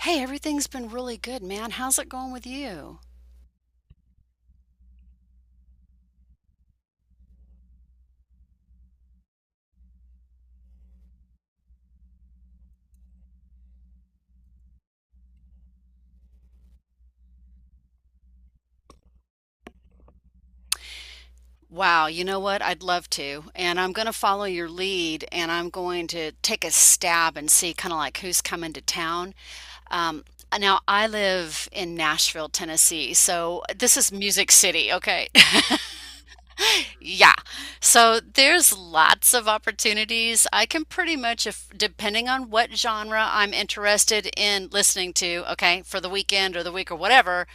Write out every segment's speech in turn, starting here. Hey, everything's been really good, man. How's it going with you? Wow, you know what? I'd love to. And I'm going to follow your lead, and I'm going to take a stab and see kind of like who's coming to town. Um, Now, I live in Nashville, Tennessee, so this is Music City, okay? Yeah. So there's lots of opportunities. I can pretty much, if, depending on what genre I'm interested in listening to, okay, for the weekend or the week or whatever,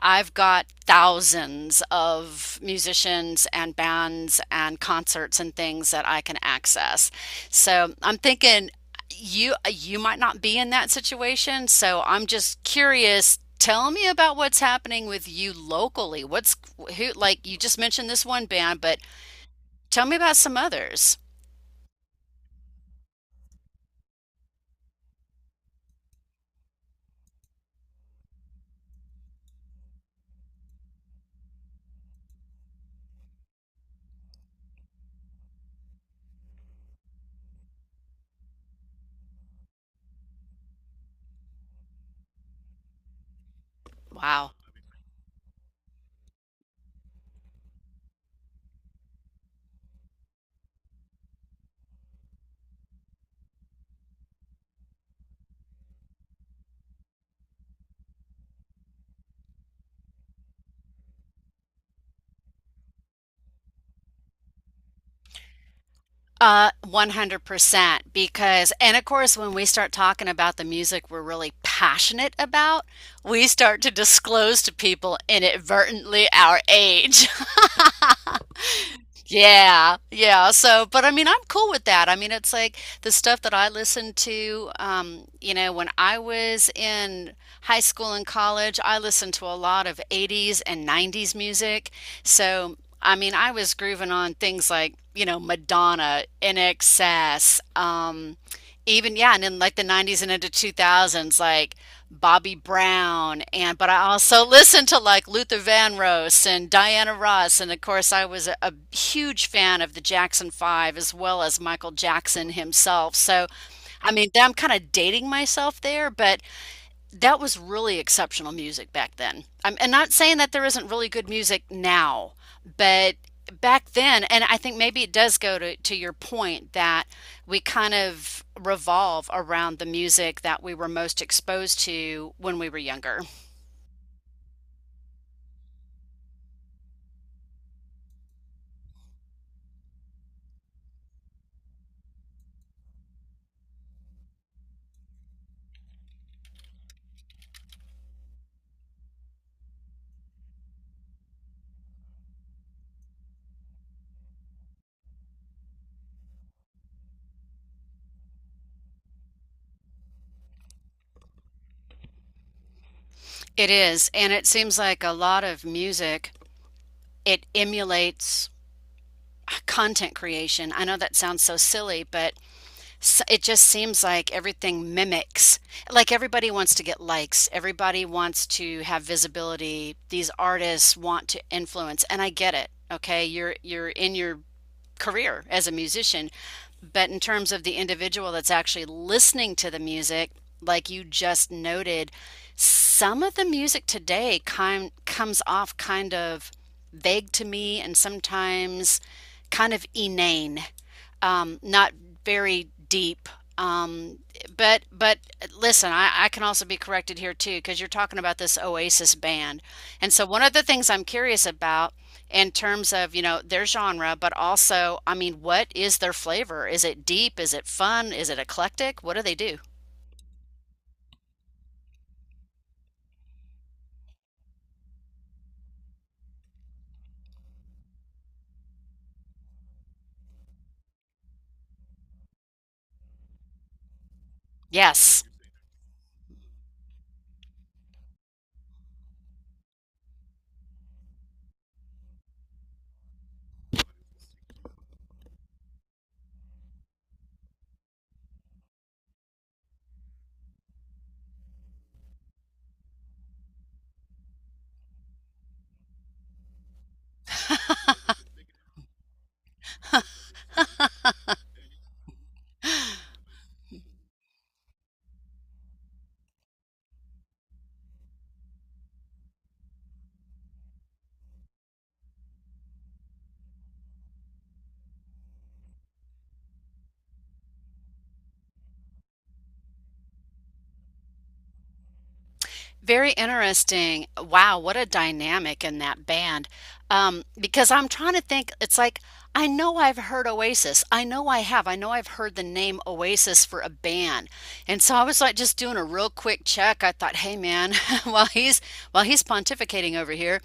I've got thousands of musicians and bands and concerts and things that I can access. So I'm thinking you might not be in that situation, so I'm just curious. Tell me about what's happening with you locally. What's who, like, you just mentioned this one band, but tell me about some others. Wow. 100% because, and of course when we start talking about the music we're really passionate about, we start to disclose to people inadvertently our age. Yeah, yeah. So, but I mean, I'm cool with that. I mean, it's like the stuff that I listened to, you know, when I was in high school and college, I listened to a lot of 80s and 90s music. So, I mean, I was grooving on things like, you know, Madonna, NXS, even, yeah, and in like the 90s and into 2000s, like Bobby Brown. And but I also listened to like Luther Vandross and Diana Ross, and of course I was a huge fan of the Jackson 5 as well as Michael Jackson himself. So I mean I'm kind of dating myself there, but that was really exceptional music back then. I'm and not saying that there isn't really good music now, but back then, and I think maybe it does go to your point that we kind of revolve around the music that we were most exposed to when we were younger. It is, and it seems like a lot of music, it emulates content creation. I know that sounds so silly, but it just seems like everything mimics, like everybody wants to get likes, everybody wants to have visibility, these artists want to influence. And I get it, okay? You're in your career as a musician, but in terms of the individual that's actually listening to the music, like you just noted, some of the music today kind comes off kind of vague to me, and sometimes kind of inane, not very deep. Um, but listen, I can also be corrected here too because you're talking about this Oasis band, and so one of the things I'm curious about in terms of, you know, their genre, but also, I mean, what is their flavor? Is it deep? Is it fun? Is it eclectic? What do they do? Yes. Very interesting. Wow, what a dynamic in that band. Because I'm trying to think, it's like, I know I've heard Oasis. I know I have. I know I've heard the name Oasis for a band. And so I was like just doing a real quick check. I thought, hey man, while he's while he's pontificating over here.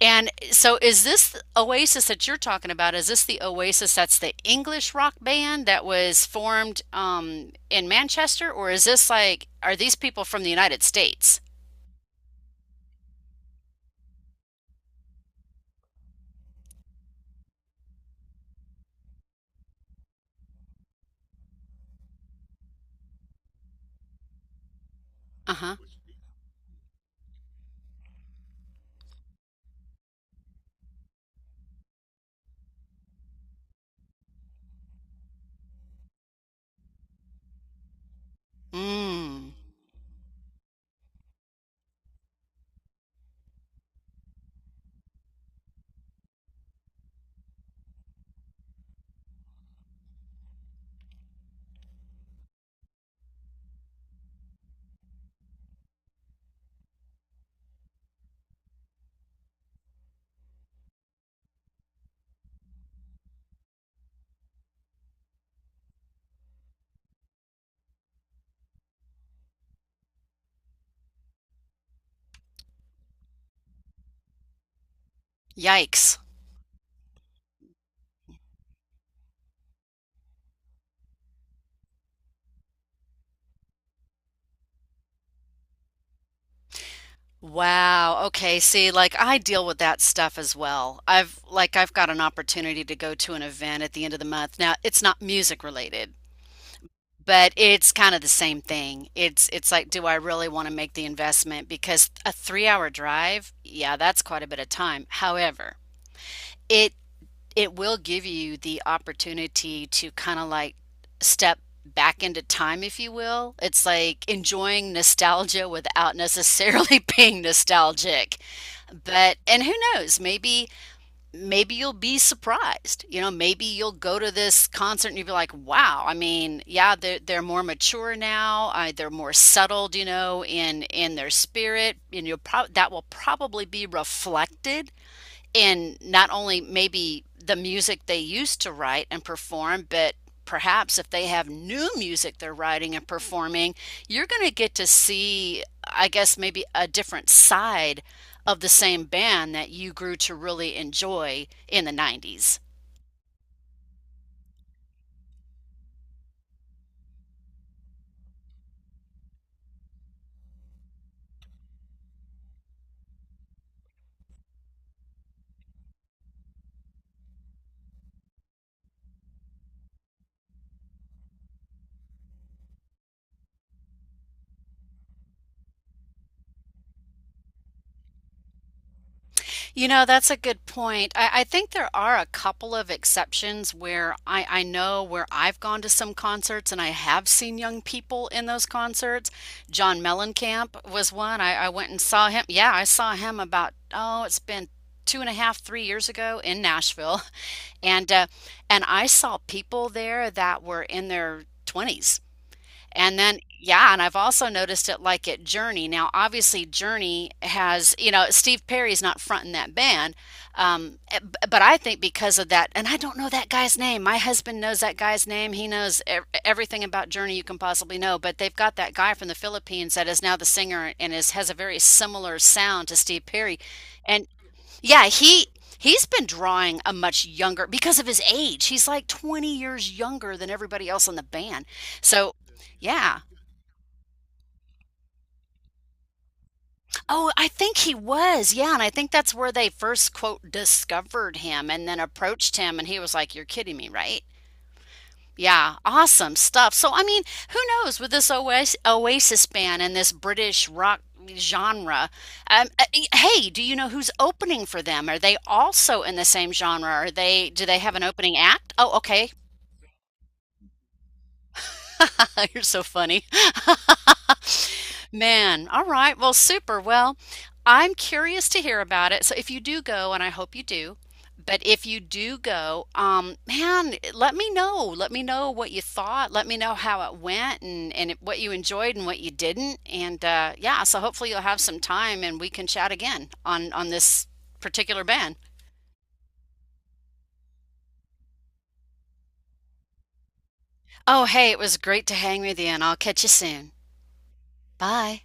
And so is this Oasis that you're talking about? Is this the Oasis that's the English rock band that was formed in Manchester? Or is this like, are these people from the United States? Uh-huh. Mm. Yikes. Wow. Okay. See, like I deal with that stuff as well. I've, like, I've got an opportunity to go to an event at the end of the month. Now, it's not music related, but it's kind of the same thing. It's like, do I really want to make the investment? Because a 3 hour drive, yeah, that's quite a bit of time. However, it it will give you the opportunity to kind of like step back into time, if you will. It's like enjoying nostalgia without necessarily being nostalgic. But, and who knows, maybe, maybe you'll be surprised. You know, maybe you'll go to this concert and you'll be like, wow, I mean, yeah, they're more mature now. They're more settled, you know, in their spirit. And you'll probably, that will probably be reflected in not only maybe the music they used to write and perform, but perhaps if they have new music they're writing and performing, you're going to get to see, I guess, maybe a different side of the same band that you grew to really enjoy in the 90s. You know, that's a good point. I think there are a couple of exceptions where I know where I've gone to some concerts and I have seen young people in those concerts. John Mellencamp was one. I went and saw him. Yeah, I saw him about, oh, it's been two and a half, 3 years ago in Nashville. And I saw people there that were in their 20s. And then, yeah, and I've also noticed it like at Journey. Now, obviously, Journey has, you know, Steve Perry's not fronting that band. But I think because of that, and I don't know that guy's name. My husband knows that guy's name. He knows everything about Journey you can possibly know. But they've got that guy from the Philippines that is now the singer and is has a very similar sound to Steve Perry. Yeah, he's been drawing a much younger because of his age. He's like 20 years younger than everybody else in the band. So, yeah. Oh, I think he was. Yeah, and I think that's where they first quote discovered him and then approached him, and he was like, "You're kidding me, right?" Yeah, awesome stuff. So, I mean, who knows with this Oasis band and this British rock genre? Hey, do you know who's opening for them? Are they also in the same genre? Are they, do they have an opening act? Oh, okay. You're so funny. Man, all right. Well, super. Well, I'm curious to hear about it. So if you do go, and I hope you do, but if you do go, man, let me know. Let me know what you thought. Let me know how it went, and what you enjoyed and what you didn't. And yeah, so hopefully you'll have some time and we can chat again on this particular band. Oh, hey, it was great to hang with you, and I'll catch you soon. Bye.